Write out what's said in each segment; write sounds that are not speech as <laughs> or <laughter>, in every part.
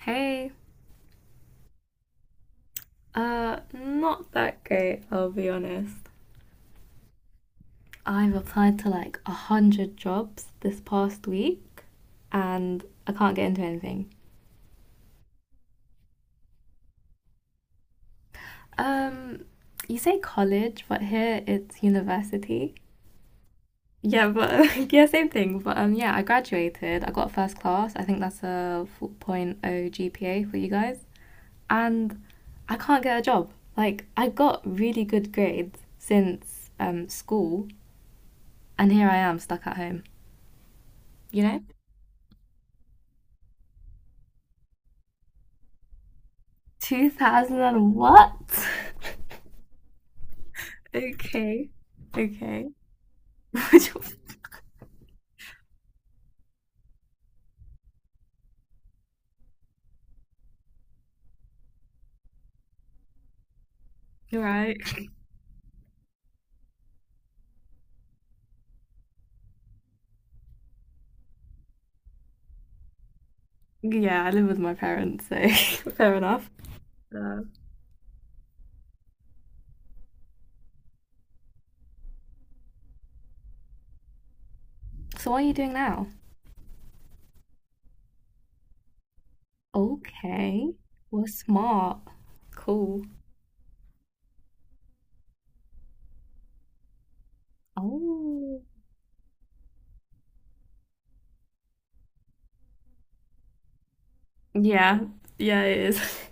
Hey. Not that great, I'll be honest. I've applied to like a hundred jobs this past week and I can't get into anything. Um, you say college, but here it's university. Yeah, but <laughs> yeah, same thing. But yeah, I graduated. I got first class. I think that's a 4.0 point oh GPA for you guys. And I can't get a job. Like, I got really good grades since school, and here I am stuck at home, you know? 2000 and what? Okay. Okay. <laughs> Right. Yeah, I live with my parents, so <laughs> fair enough. Uh, so what are you doing now? Okay. Well, smart. Cool. Oh. Yeah. Yeah, it is. <laughs>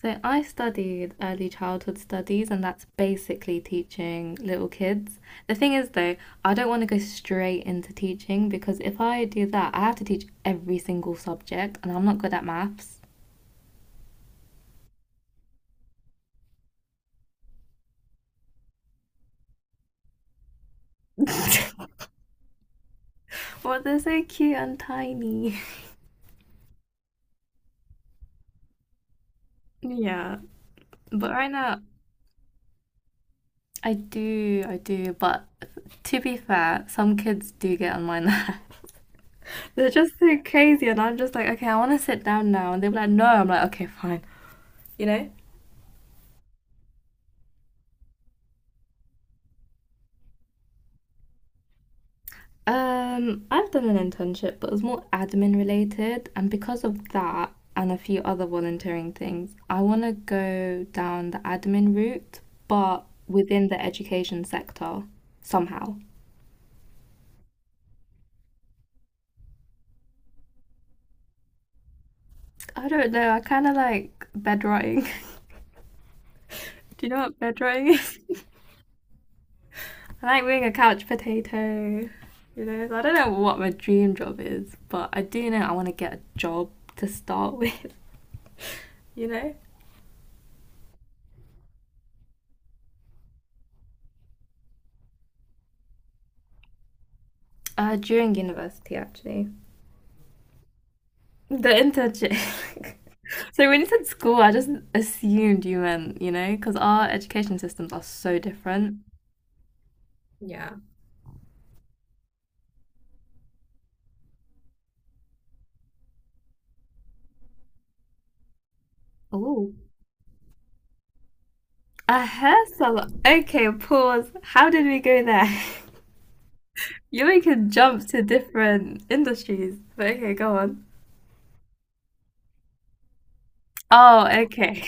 So I studied early childhood studies, and that's basically teaching little kids. The thing is, though, I don't want to go straight into teaching because if I do that, I have to teach every single subject, and I'm not good at maths. <laughs> But they're so cute and tiny. Yeah. But right now, I do, I do. But to be fair, some kids do get on my nerves. <laughs> They're just so crazy, and I'm just like, okay, I want to sit down now. And they're like, no. I'm like, okay, fine. You know? I've done an internship, but it was more admin related, and because of that and a few other volunteering things, I want to go down the admin route, but within the education sector somehow. I don't know, I kind of like bedrotting. <laughs> Do you know what bedrotting is? <laughs> I like being a couch potato, you know? So I don't know what my dream job is, but I do know I want to get a job to start <laughs> with, you know? During university, actually. The interchange. <laughs> So when you said school, I just assumed you meant, you know, because our education systems are so different. Yeah. Oh, a hair salon. Okay, pause. How did we go there? <laughs> You're making jumps to different industries. But okay, go on. Oh, okay.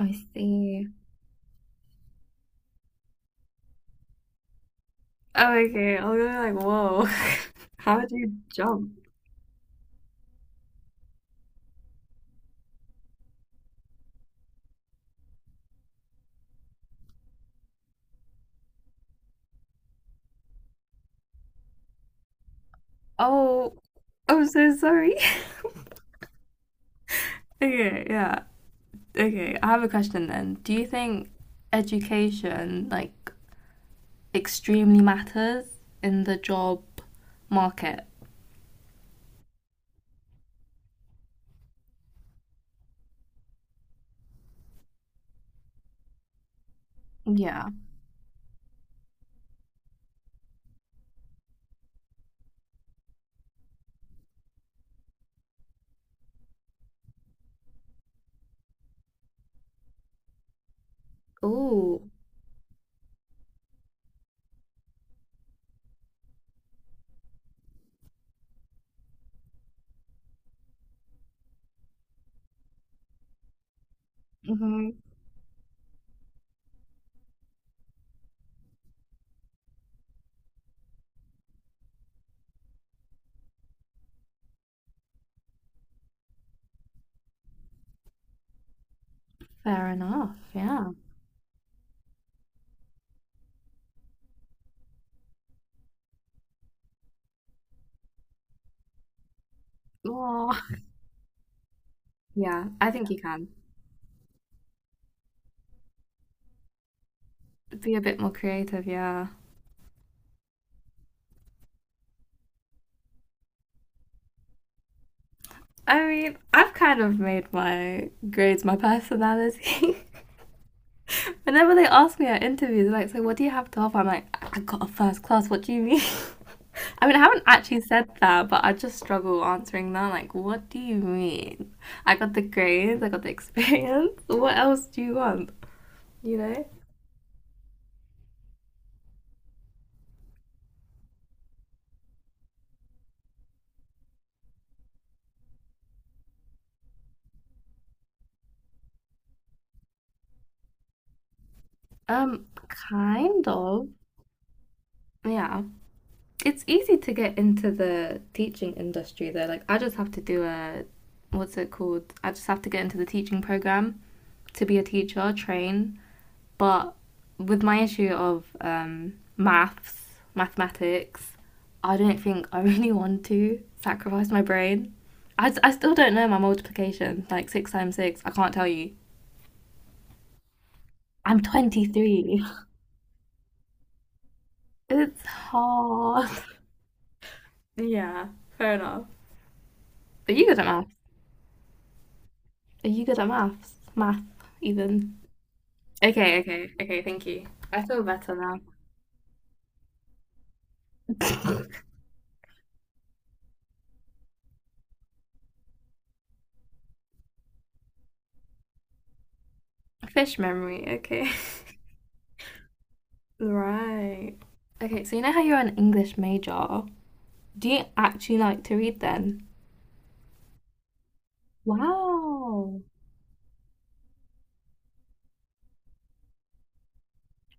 I see. Oh, okay. I was gonna be like, whoa. <laughs> How did you jump? Oh, I'm so sorry. <laughs> Okay, yeah. Okay, I have a question then. Do you think education like extremely matters in the job market? Yeah. Oh, hmm, fair enough. Yeah. Oh. Yeah, I think you can be a bit more creative. Yeah. I mean, I've kind of made my grades my personality. <laughs> Whenever they ask me at interviews, like, so what do you have to offer? I'm like, I got a first class. What do you mean? <laughs> I mean, I haven't actually said that, but I just struggle answering that. Like, what do you mean? I got the grades, I got the experience. <laughs> What else do you want? You know? Um, Kind of. Yeah. It's easy to get into the teaching industry though. Like I just have to do a what's it called? I just have to get into the teaching program to be a teacher, train. But with my issue of maths, mathematics, I don't think I really want to sacrifice my brain. I still don't know my multiplication. Like six times six, I can't tell you. I'm 23. <laughs> It's hard. <laughs> Yeah, fair enough. But you got a math. Are you good at maths? Math, even. Okay, okay, okay, thank you. I feel better now. <laughs> Fish memory, okay. <laughs> Right. Okay, so you know how you're an English major? Do you actually like to read then? Wow.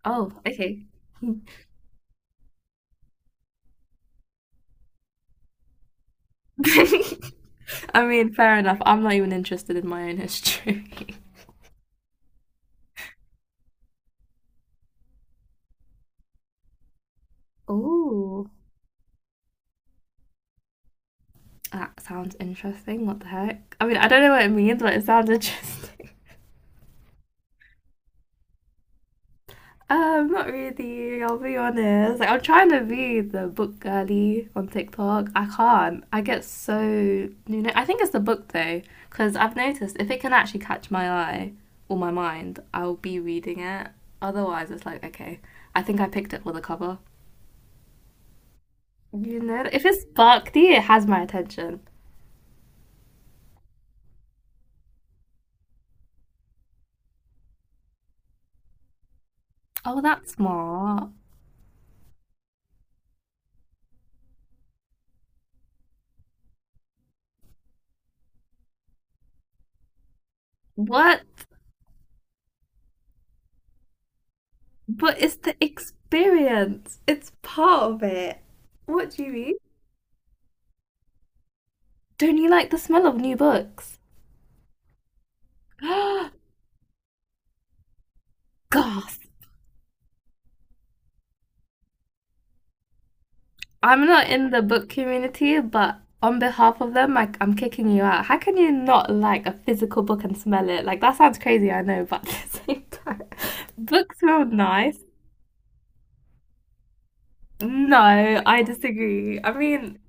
Oh, okay. <laughs> I mean, fair enough. I'm not even interested in my own history. <laughs> Oh, that sounds interesting. What the heck? I mean, I don't know what it means, but it sounds interesting. Not really. I'll be honest. Like, I'm trying to be the book girly on TikTok. I can't. I get so you know. I think it's the book though, because I've noticed if it can actually catch my eye or my mind, I'll be reading it. Otherwise, it's like okay. I think I picked it for the cover. You know, if it's sparkly, it has my attention. Oh, that's smart. What? But it's the experience. It's part of it. What do you mean? Don't you like the smell of new books? <gasps> Goth. I'm not in the book community, but on behalf of them, like I'm kicking you out. How can you not like a physical book and smell it? Like that sounds crazy, I know, but <laughs> at the same time, <laughs> books smell nice. No, I disagree. I mean,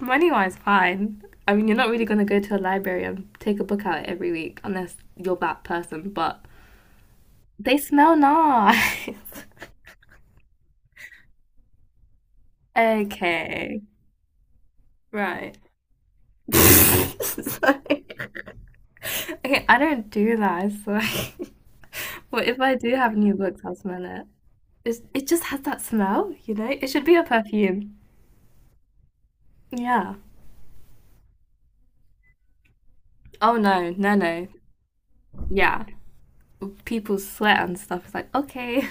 money-wise, fine. I mean, you're not really gonna go to a library and take a book out every week unless you're that person, but they smell nice. <laughs> Okay, right. <laughs> Sorry. Okay, I don't do that. So, like, <laughs> well, if I do have new books, I'll smell it. It just has that smell, you know? It should be a perfume. Yeah. Oh no, no, no. Yeah. People sweat and stuff. It's like, okay, <laughs>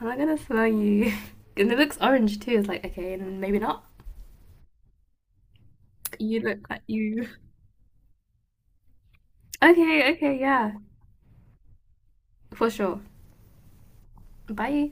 I'm not gonna smell you. <laughs> And it looks orange too. It's like, okay, then maybe not. You look like you. Okay, okay, yeah, for sure. Bye.